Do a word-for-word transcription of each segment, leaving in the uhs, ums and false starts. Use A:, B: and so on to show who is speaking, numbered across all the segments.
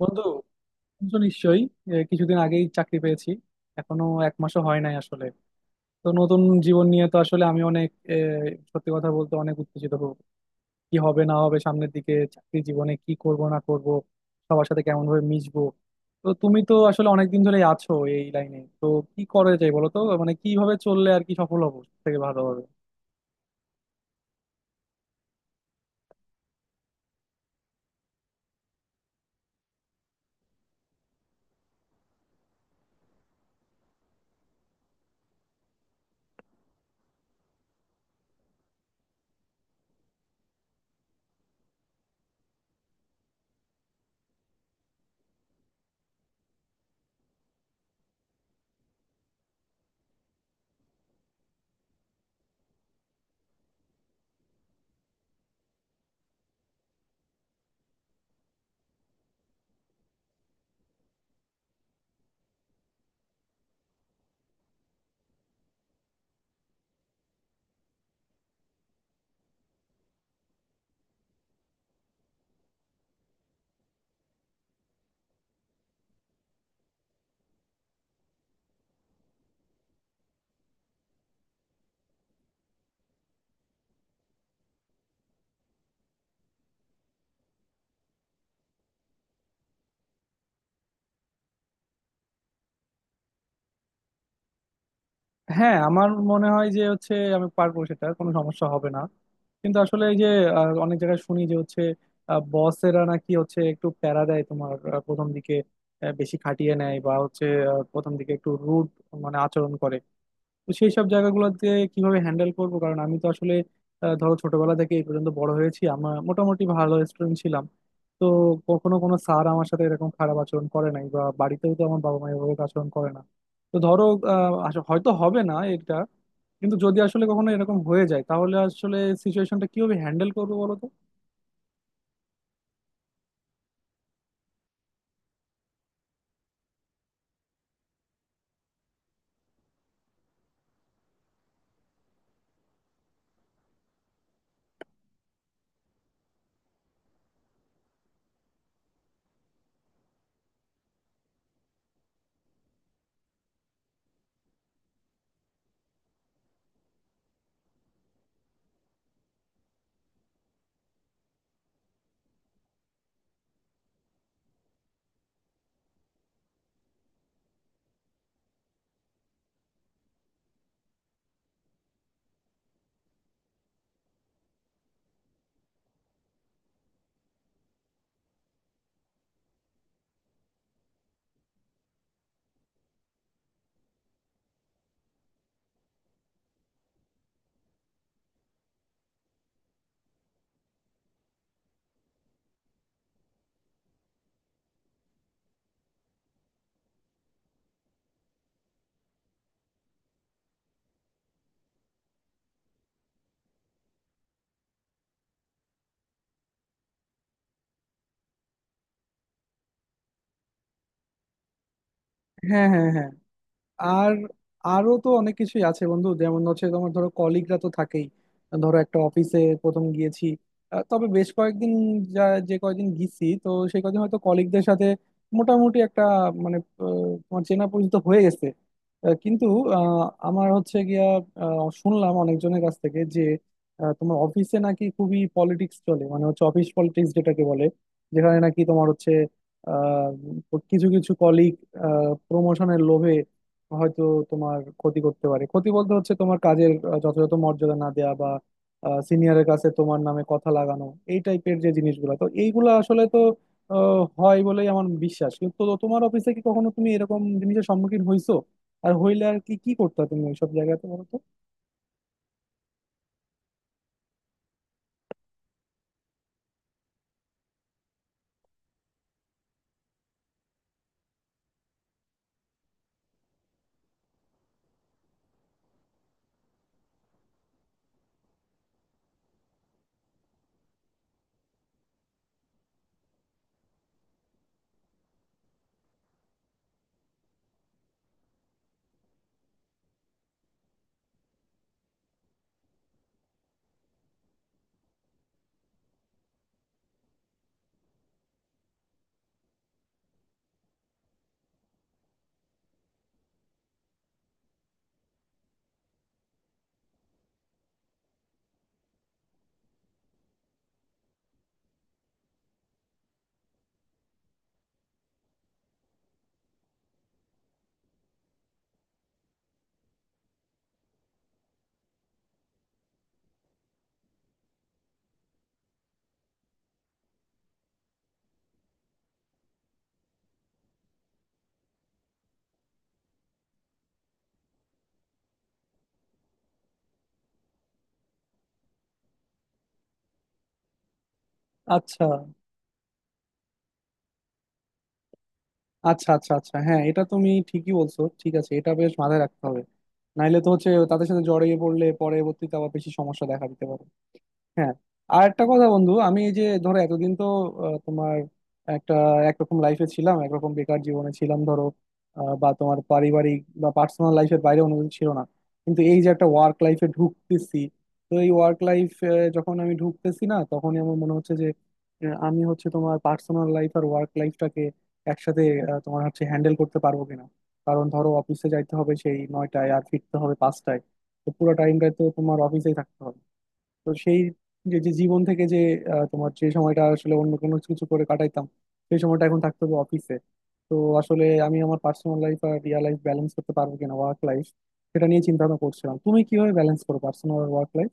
A: বন্ধু, শুনছো নিশ্চয়ই। এ, কিছুদিন আগেই চাকরি পেয়েছি। এখনো এক মাসও হয় নাই আসলে। তো নতুন জীবন নিয়ে তো আসলে আমি অনেক এ, সত্যি কথা বলতে অনেক উত্তেজিত হব। কি হবে না হবে সামনের দিকে, চাকরি জীবনে কি করব না করব, সবার সাথে কেমন ভাবে মিশবো। তো তুমি তো আসলে অনেকদিন ধরেই আছো এই লাইনে, তো কি করা যায় বলো তো। মানে কিভাবে চললে আর কি সফল হবো সব থেকে ভালো হবে। হ্যাঁ, আমার মনে হয় যে হচ্ছে আমি পারবো, সেটা কোনো সমস্যা হবে না। কিন্তু আসলে এই যে আহ, অনেক জায়গায় শুনি যে হচ্ছে বসেরা নাকি হচ্ছে একটু প্যারা দেয় তোমার আহ, প্রথম দিকে, আহ, বেশি খাটিয়ে নেয় বা হচ্ছে আহ, প্রথম দিকে একটু রুড মানে আচরণ করে। তো সেই সব জায়গাগুলোতে কিভাবে হ্যান্ডেল করবো? কারণ আমি তো আসলে আহ, ধরো ছোটবেলা থেকে এই পর্যন্ত বড় হয়েছি, আমার মোটামুটি ভালো স্টুডেন্ট ছিলাম। তো কখনো কোনো স্যার আমার সাথে এরকম খারাপ আচরণ করে নাই, বা বাড়িতেও তো আমার বাবা মা এভাবে আচরণ করে না। তো ধরো, আহ, আস- হয়তো হবে না এটা, কিন্তু যদি আসলে কখনো এরকম হয়ে যায় তাহলে আসলে সিচুয়েশনটা কিভাবে হ্যান্ডেল করবো বলো তো? হ্যাঁ, হ্যাঁ, হ্যাঁ। আর আরো তো অনেক কিছুই আছে বন্ধু, যেমন হচ্ছে তোমার ধরো কলিগরা তো থাকেই। ধরো একটা অফিসে প্রথম গিয়েছি, আহ, তবে বেশ কয়েকদিন যা যে কয়েকদিন গিয়েছি, তো সেই কয়েকদিন হয়তো কলিগদের সাথে মোটামুটি একটা, মানে, আহ, তোমার চেনা পরিচিত হয়ে গেছে। আহ, কিন্তু আহ, আমার হচ্ছে গিয়া আহ, শুনলাম অনেকজনের কাছ থেকে যে আহ, তোমার অফিসে নাকি খুবই পলিটিক্স চলে, মানে হচ্ছে অফিস পলিটিক্স যেটাকে বলে, যেখানে নাকি তোমার হচ্ছে আহ, কিছু কিছু কলিগ প্রমোশনের লোভে হয়তো তোমার ক্ষতি করতে পারে। ক্ষতি বলতে হচ্ছে তোমার কাজের আহ, যথাযথ মর্যাদা না দেয়া, বা সিনিয়রের কাছে তোমার নামে কথা লাগানো, এই টাইপের যে জিনিসগুলো। তো এইগুলো আসলে তো আহ, হয় বলেই আমার বিশ্বাস, কিন্তু তো তোমার অফিসে কি কখনো তুমি এরকম জিনিসের সম্মুখীন হইছো? আর হইলে আর কি কি করতে তুমি ওইসব জায়গাতে বলো তো? আচ্ছা, আচ্ছা, আচ্ছা, আচ্ছা, হ্যাঁ, এটা তুমি ঠিকই বলছো। ঠিক আছে, এটা বেশ মাথায় রাখতে হবে। নাইলে তো হচ্ছে তাদের সাথে জড়িয়ে পড়লে পরবর্তীতে আবার বেশি সমস্যা দেখা দিতে পারে। হ্যাঁ। আর একটা কথা বন্ধু, আমি এই যে ধরো এতদিন তো আহ, তোমার একটা একরকম লাইফে ছিলাম, একরকম বেকার জীবনে ছিলাম ধরো। আহ, বা তোমার পারিবারিক বা পার্সোনাল লাইফের বাইরে অন্য কিছু ছিল না। কিন্তু এই যে একটা ওয়ার্ক লাইফে ঢুকতেছি, তো এই ওয়ার্ক লাইফ যখন আমি ঢুকতেছি না, তখনই আমার মনে হচ্ছে যে আহ, আমি হচ্ছে তোমার পার্সোনাল লাইফ আর ওয়ার্ক লাইফটাকে একসাথে আহ, তোমার হচ্ছে হ্যান্ডেল করতে পারবো কিনা। কারণ ধরো অফিসে যাইতে হবে সেই নয়টায়, আর ফিরতে হবে পাঁচটায়। তো পুরো টাইমটাই তো তোমার অফিসেই থাকতে হবে। তো সেই যে যে জীবন থেকে যে আহ, তোমার যে সময়টা আসলে অন্য কোনো কিছু করে কাটাইতাম, সেই সময়টা এখন থাকতে হবে অফিসে। তো আসলে আমি আমার পার্সোনাল লাইফ আর রিয়েল লাইফ ব্যালেন্স করতে পারবো কিনা, ওয়ার্ক লাইফ, সেটা নিয়ে চিন্তা ভাবনা করছিলাম। তুমি কিভাবে ব্যালেন্স করো পার্সোনাল আর ওয়ার্ক লাইফ?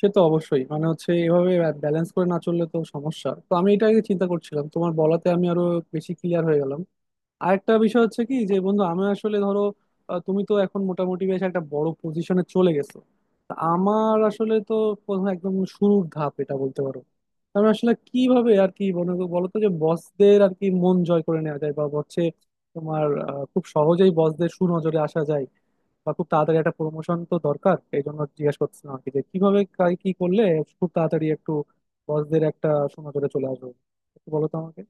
A: সে তো অবশ্যই, মানে হচ্ছে এভাবে ব্যালেন্স করে না চললে তো সমস্যা। তো আমি এটা আগে চিন্তা করছিলাম, তোমার বলাতে আমি আরো বেশি ক্লিয়ার হয়ে গেলাম। আরেকটা বিষয় হচ্ছে কি যে বন্ধু, আমি আসলে ধরো আহ, তুমি তো এখন মোটামুটি বেশ একটা বড় পজিশনে চলে গেছো, তা আমার আসলে তো প্রথম একদম শুরুর ধাপ এটা বলতে পারো। আমি আসলে কিভাবে আর কি মনে করো বলতো যে বসদের আর কি মন জয় করে নেওয়া যায়, বা হচ্ছে তোমার আহ, খুব সহজেই বসদের সুনজরে আসা যায়, বা খুব তাড়াতাড়ি একটা প্রমোশন তো দরকার, এই জন্য জিজ্ঞেস করছিলাম আর কি, যে কিভাবে কাই- কি করলে খুব তাড়াতাড়ি একটু বসদের একটা সুনজরে চলে আসবো, একটু বলো তো আমাকে।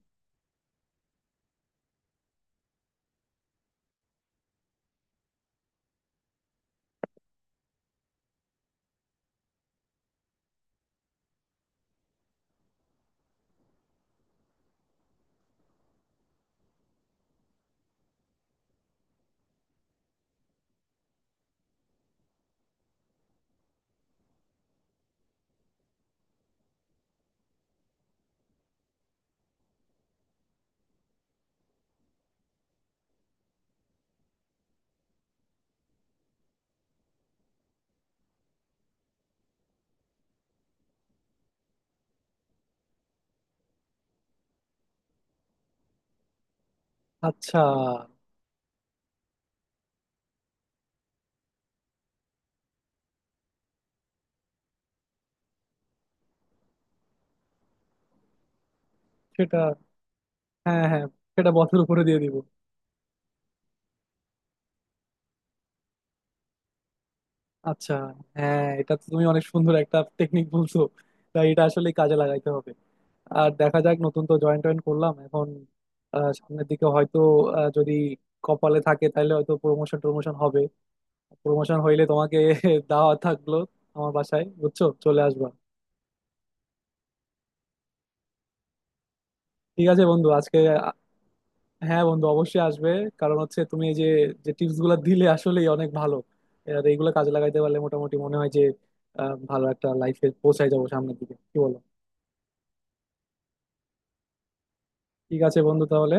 A: আচ্ছা। সেটা, হ্যাঁ, হ্যাঁ, সেটা বথের উপরে দিয়ে দিব। আচ্ছা, হ্যাঁ, এটা তো তুমি অনেক সুন্দর একটা টেকনিক বলছো। তাই এটা আসলে কাজে লাগাইতে হবে। আর দেখা যাক, নতুন তো জয়েন্ট টয়েন্ট করলাম এখন, আহ, সামনের দিকে হয়তো আহ, যদি কপালে থাকে তাহলে হয়তো প্রমোশন টমোশন হবে। প্রমোশন হইলে তোমাকে দাওয়া থাকলো আমার বাসায়, বুঝছো, চলে আসবা। ঠিক আছে বন্ধু আজকে। হ্যাঁ বন্ধু অবশ্যই আসবে। কারণ হচ্ছে তুমি এই যে যে টিপস গুলো দিলে আসলেই অনেক ভালো। আর এইগুলো কাজে লাগাইতে পারলে মোটামুটি মনে হয় যে আহ, ভালো একটা লাইফে পৌঁছায় যাবো সামনের দিকে, কি বলো? ঠিক আছে বন্ধু তাহলে।